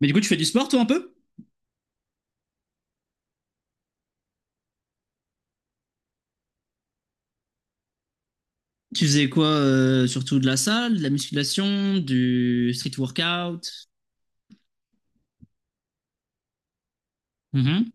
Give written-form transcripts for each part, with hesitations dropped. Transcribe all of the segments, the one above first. Mais du coup, tu fais du sport, toi, un peu? Tu faisais quoi, surtout de la salle, de la musculation, du street workout? Mhm.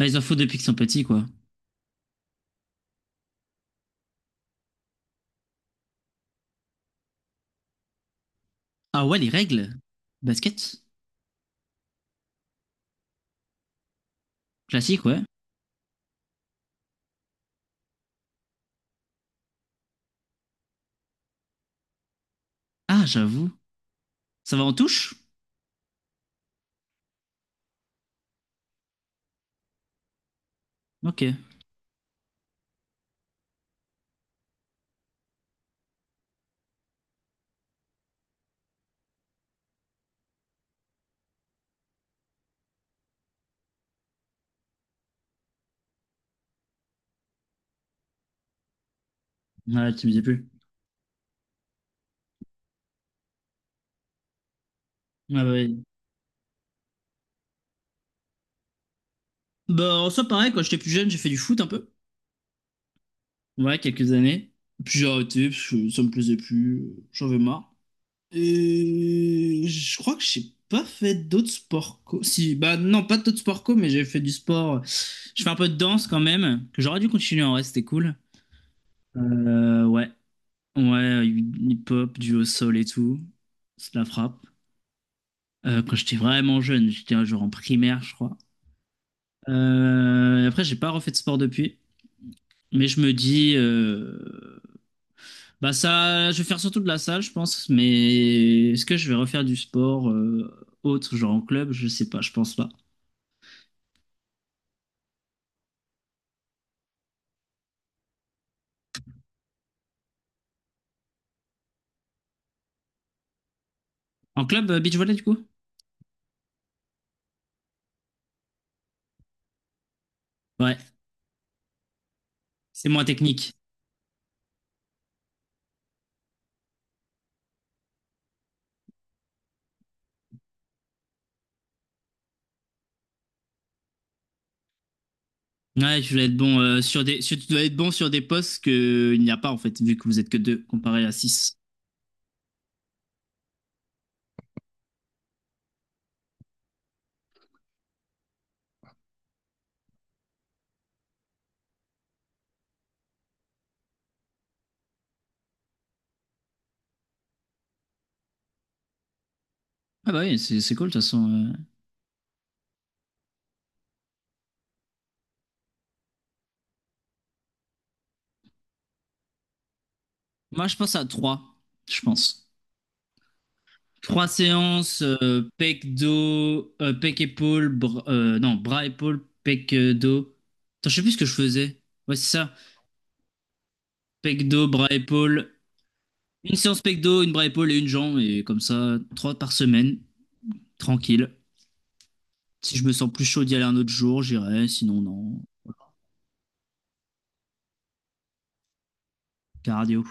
Bah, ils en font depuis qu'ils sont petits, quoi. Ah ouais, les règles? Basket? Classique, ouais. Ah, j'avoue. Ça va en touche? Ok. Ouais, tu me disais plus. Ah bah oui. Bah, en soi, pareil, quand j'étais plus jeune, j'ai fait du foot un peu. Ouais, quelques années. Puis j'ai arrêté parce que ça me plaisait plus, j'en avais marre. Je crois que j'ai pas fait d'autres sports co. Si, bah non, pas d'autres sports co, mais j'ai fait du sport. Je fais un peu de danse quand même, que j'aurais dû continuer en vrai, c'était cool. Ouais, ouais, hip-hop, du au sol et tout. C'est la frappe. Quand j'étais vraiment jeune, j'étais genre en primaire, je crois. Après, j'ai pas refait de sport depuis, mais je me dis. Bah ça, je vais faire surtout de la salle, je pense, mais est-ce que je vais refaire du sport autre, genre en club? Je sais pas, je pense pas. En club, beach volley du coup? Ouais, c'est moins technique. Ouais, tu dois être bon sur des, tu dois être bon sur des postes que il n'y a pas en fait, vu que vous êtes que deux comparé à six. Ah bah oui, c'est cool de toute façon. Moi, je pense à trois, je pense. Trois séances, pec dos, pec épaule, non bras épaule, pec dos. Attends, je sais plus ce que je faisais. Ouais, c'est ça. Pecdo, bras épaule. Une séance pecdo, une bras épaule et une jambe. Et comme ça, trois par semaine. Tranquille. Si je me sens plus chaud d'y aller un autre jour, j'irai. Sinon, non. Voilà. Cardio.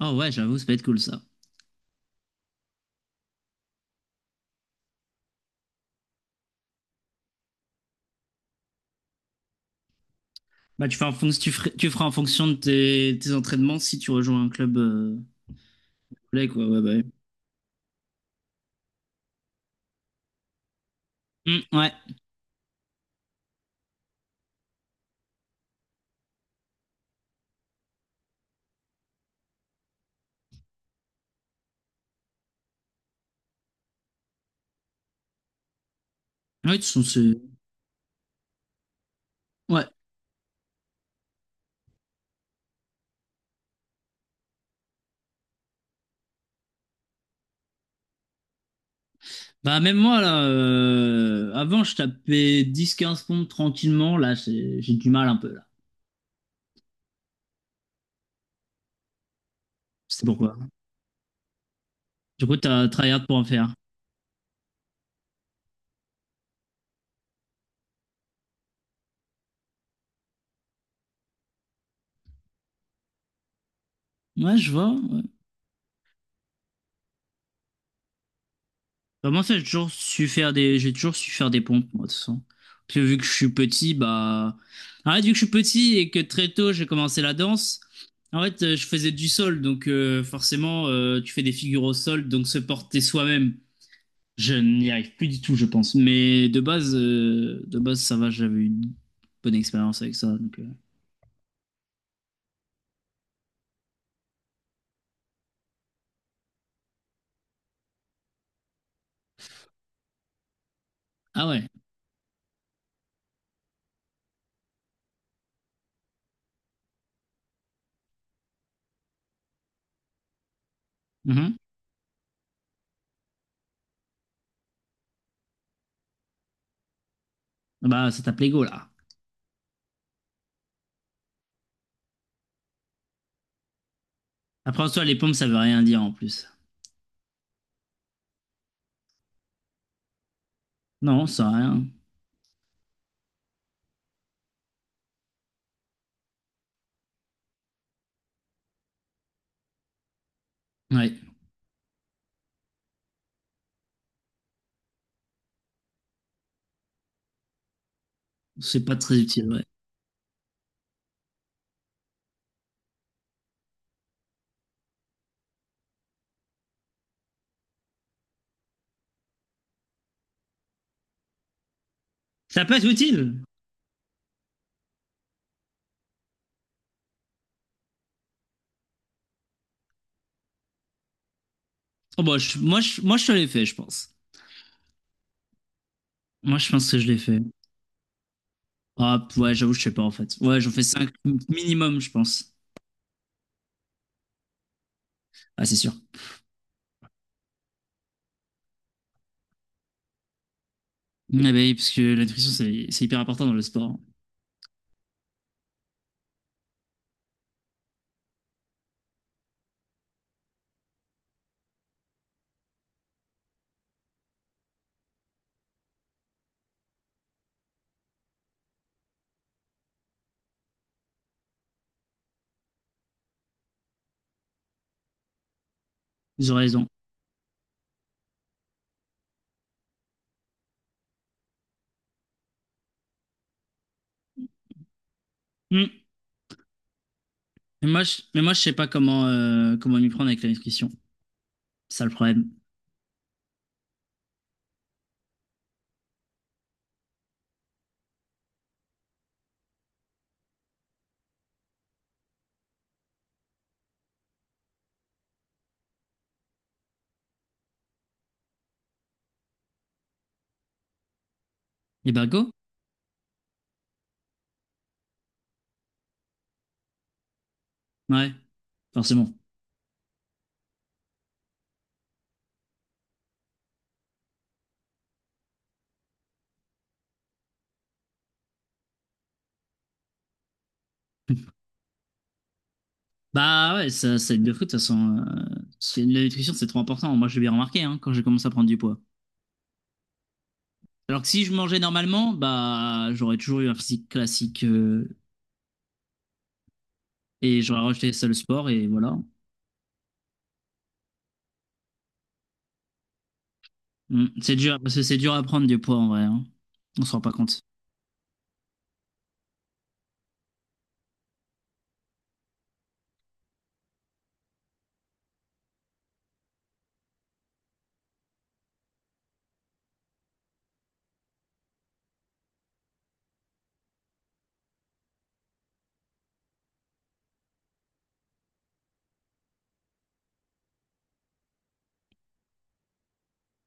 Oh ouais, j'avoue, ça peut être cool ça. Bah, tu feras en fonction de tes entraînements si tu rejoins un club complet, quoi. Ouais, bah, ouais. Hmm, ouais. Ouais, de toute façon, ouais. Bah, même moi, là, avant, je tapais 10-15 pompes tranquillement. Là, j'ai du mal un peu, là. C'est pourquoi. Du coup, t'as tryhard pour en faire. Ouais, je vois. Ouais. Bah, moi, ça, j'ai toujours su faire des pompes, moi, de toute façon. Parce que vu que je suis petit, bah, en fait, vu que je suis petit et que très tôt, j'ai commencé la danse, en fait, je faisais du sol, donc, forcément, tu fais des figures au sol, donc se porter soi-même, je n'y arrive plus du tout, je pense. Mais de base, ça va, j'avais une bonne expérience avec ça, donc. Ah ouais. Mhm. Bah, ça tape l'ego, là. Après, en soi, les pompes, ça veut rien dire, en plus. Non, ça a rien. Ouais. C'est pas très utile, ouais. Ça peut être utile. Oh, bah, moi, je l'ai fait, je pense. Moi, je pense que je l'ai fait. Ah, ouais, j'avoue, je sais pas, en fait. Ouais, j'en fais 5 minimum, je pense. Ah, c'est sûr. Ah, bah oui, parce que la nutrition, c'est hyper important dans le sport. Ils ont raison. Hmm. Mais mais moi, je sais pas comment m'y prendre avec la nutrition. C'est ça le problème. Et bah, go. Ouais, forcément. Bah, ouais, ça aide de fou, de toute façon. La nutrition, c'est trop important. Moi, je l'ai bien remarqué, hein, quand j'ai commencé à prendre du poids. Alors que si je mangeais normalement, bah, j'aurais toujours eu un physique classique, et j'aurais rejeté ça le sport et voilà. Mm. C'est dur, parce que c'est dur à prendre du poids en vrai. Hein. On se rend pas compte.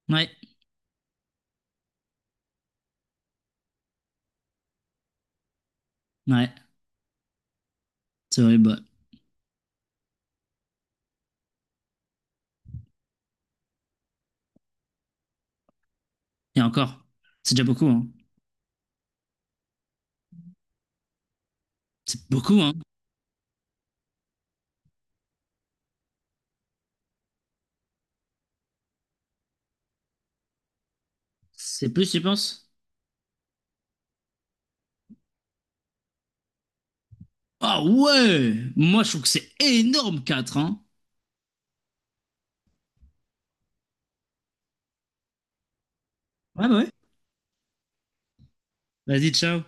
Ouais, ouais, c'est vrai. Bah. Et encore, c'est déjà beaucoup. Hein. C'est beaucoup, hein. C'est plus, tu penses? Ah ouais! Moi, je trouve que c'est énorme, 4 hein. Ouais, bah ouais. Vas-y, ciao.